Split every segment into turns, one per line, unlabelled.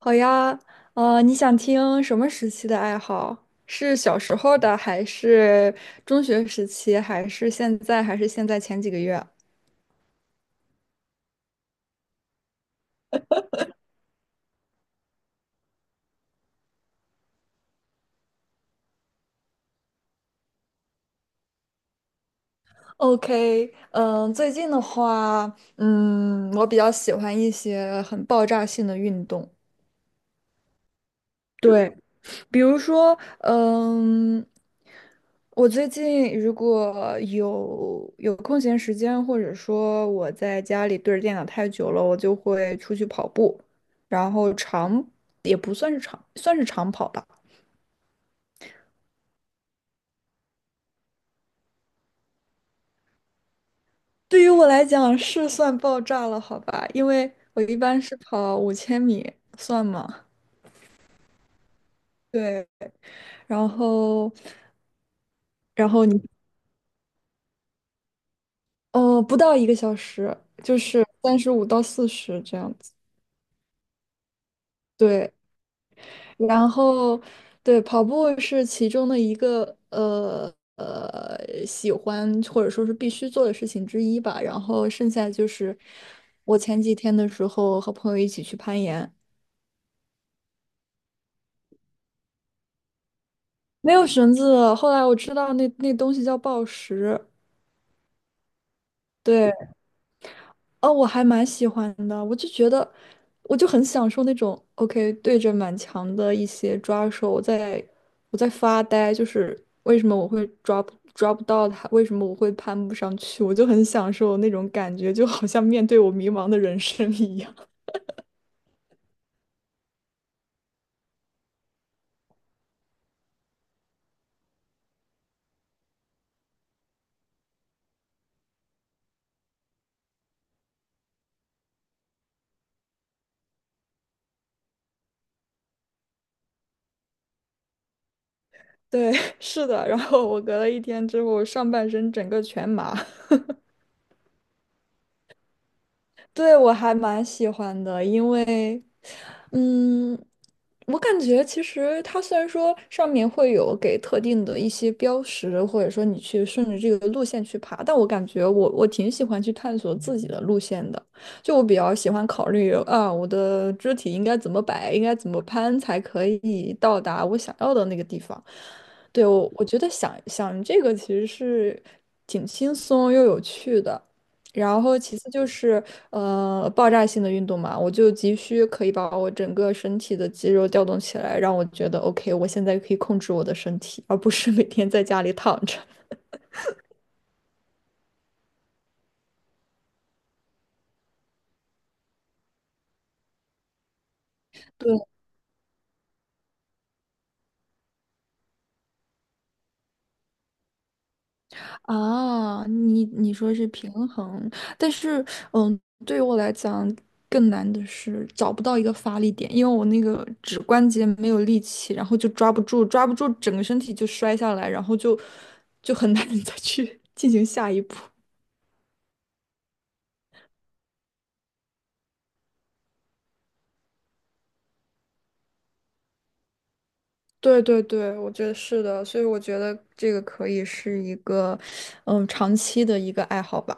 好呀，你想听什么时期的爱好？是小时候的，还是中学时期，还是现在，还是现在前几个月？OK，最近的话，我比较喜欢一些很爆炸性的运动。对。比如说，我最近如果有空闲时间，或者说我在家里对着电脑太久了，我就会出去跑步，然后也不算是长，算是长跑吧。对于我来讲是算爆炸了，好吧，因为我一般是跑5000米，算吗？对，然后然后你哦，不到1个小时，就是35到40这样子。对，然后，对，跑步是其中的一个喜欢或者说是必须做的事情之一吧。然后剩下就是我前几天的时候和朋友一起去攀岩，没有绳子，后来我知道那东西叫抱石，对，哦，我还蛮喜欢的，我就很享受那种 OK 对着满墙的一些抓手，我在发呆，就是为什么我会抓不到它，为什么我会攀不上去，我就很享受那种感觉，就好像面对我迷茫的人生一样。对，是的，然后我隔了一天之后，上半身整个全麻。对，我还蛮喜欢的，因为，嗯，我感觉其实它虽然说上面会有给特定的一些标识，或者说你去顺着这个路线去爬，但我感觉我挺喜欢去探索自己的路线的，就我比较喜欢考虑啊，我的肢体应该怎么摆，应该怎么攀才可以到达我想要的那个地方。对，我觉得想想这个其实是挺轻松又有趣的。然后其次就是爆炸性的运动嘛，我就急需可以把我整个身体的肌肉调动起来，让我觉得 OK，我现在可以控制我的身体，而不是每天在家里躺着。对啊，你说是平衡，但是嗯，对于我来讲更难的是找不到一个发力点，因为我那个指关节没有力气，然后就抓不住，抓不住，整个身体就摔下来，然后就很难 再去进行下一步。对对对，我觉得是的，所以我觉得这个可以是一个，长期的一个爱好吧。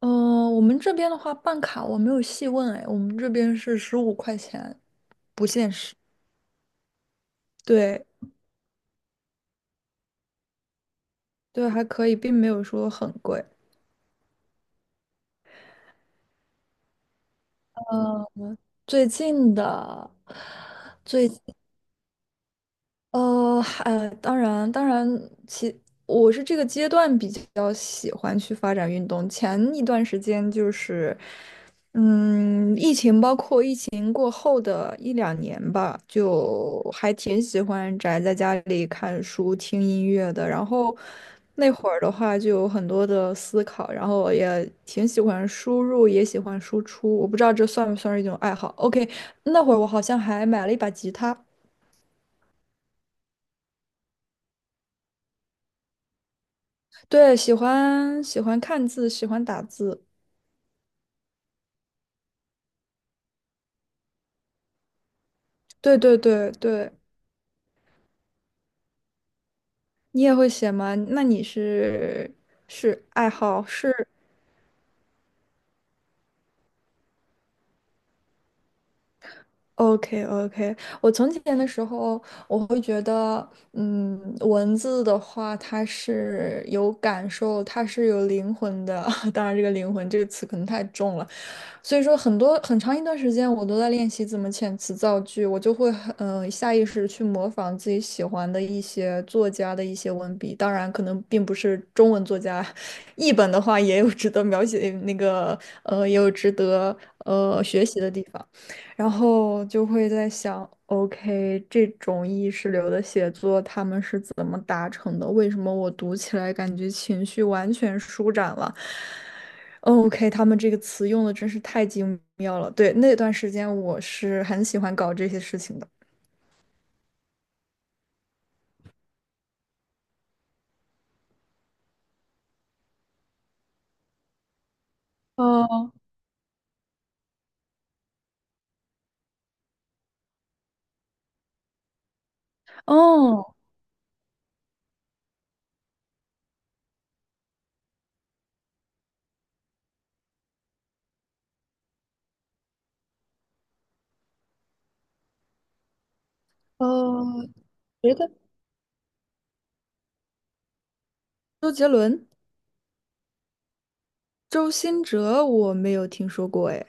嗯、我们这边的话，办卡我没有细问哎，我们这边是15块钱，不限时。对对，还可以，并没有说很贵。嗯，最近的最还当然，其我是这个阶段比较喜欢去发展运动。前一段时间就是，疫情吧。年过后的一两年吧，就还挺喜欢宅在家里看书、听音乐的。然后那会儿的话，就有很多的思考，然后也挺喜欢输入，也喜欢输出。我不知道这算不算是一种爱好。OK，那会儿我好像还买了一把吉他。对，喜欢看字，喜欢打字。对对对对，你也会写吗？那你是爱好是？OK OK，我从前的时候，我会觉得，文字的话，它是有感受，它是有灵魂的。当然，这个"灵魂"这个词可能太重了，所以说很多很长一段时间我都在练习怎么遣词造句，我就会很下意识地去模仿自己喜欢的一些作家的一些文笔，当然可能并不是中文作家，译本的话也有值得描写那个也有值得学习的地方，然后就会在想。OK，这种意识流的写作，他们是怎么达成的？为什么我读起来感觉情绪完全舒展了？OK，他们这个词用的真是太精妙了。对，那段时间我是很喜欢搞这些事情的。哦哦，哦，别的周杰伦、周兴哲我没有听说过哎。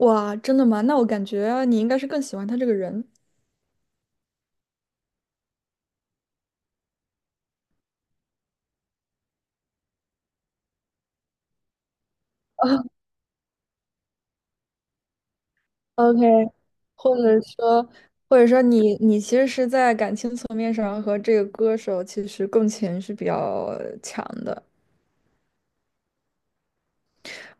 哇，真的吗？那我感觉你应该是更喜欢他这个人，OK，或者说，或者说你其实是在感情层面上和这个歌手其实共情是比较强的。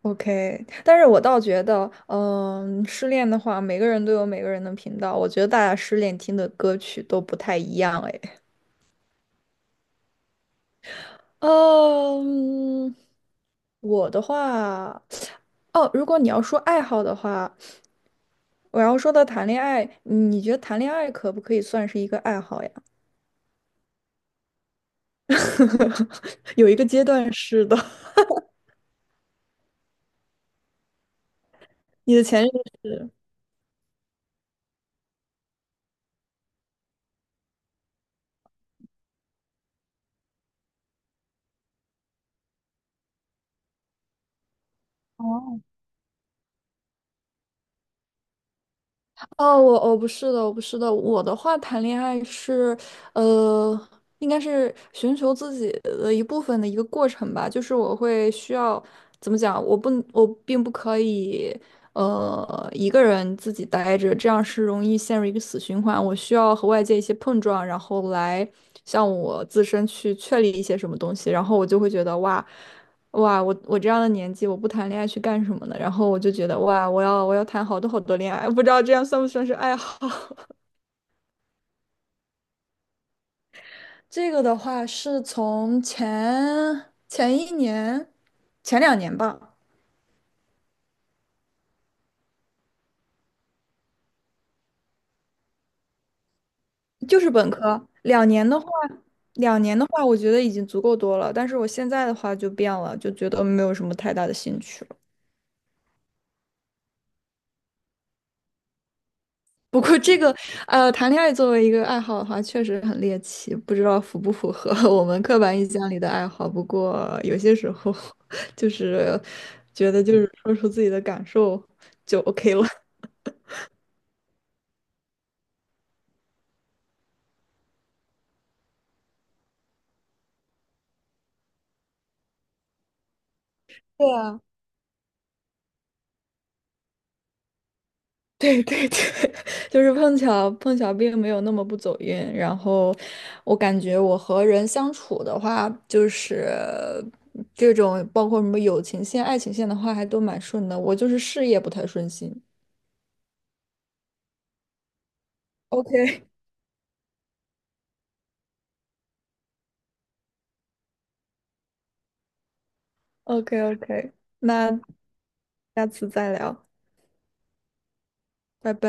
OK，但是我倒觉得，失恋的话，每个人都有每个人的频道。我觉得大家失恋听的歌曲都不太一样，哎，嗯，我的话，哦，如果你要说爱好的话，我要说到谈恋爱，你觉得谈恋爱可不可以算是一个爱好呀？有一个阶段是的，你的前任是。哦。哦，我我不是的，我不是的，我的话谈恋爱是，呃，应该是寻求自己的一部分的一个过程吧。就是我会需要怎么讲，我并不可以，一个人自己待着，这样是容易陷入一个死循环。我需要和外界一些碰撞，然后来向我自身去确立一些什么东西，然后我就会觉得哇。哇，我这样的年纪，我不谈恋爱去干什么呢？然后我就觉得，哇，我要谈好多好多恋爱，不知道这样算不算是爱好？这个的话是从前一年、前两年吧，就是本科两年的话，我觉得已经足够多了。但是我现在的话就变了，就觉得没有什么太大的兴趣。不过这个，谈恋爱作为一个爱好的话，确实很猎奇，不知道符不符合 我们刻板印象里的爱好。不过有些时候，就是觉得就是说出自己的感受就 OK 了。对啊，对对对，就是碰巧并没有那么不走运。然后我感觉我和人相处的话，就是这种包括什么友情线、爱情线的话，还都蛮顺的。我就是事业不太顺心。OK。OK OK，那下次再聊，拜拜。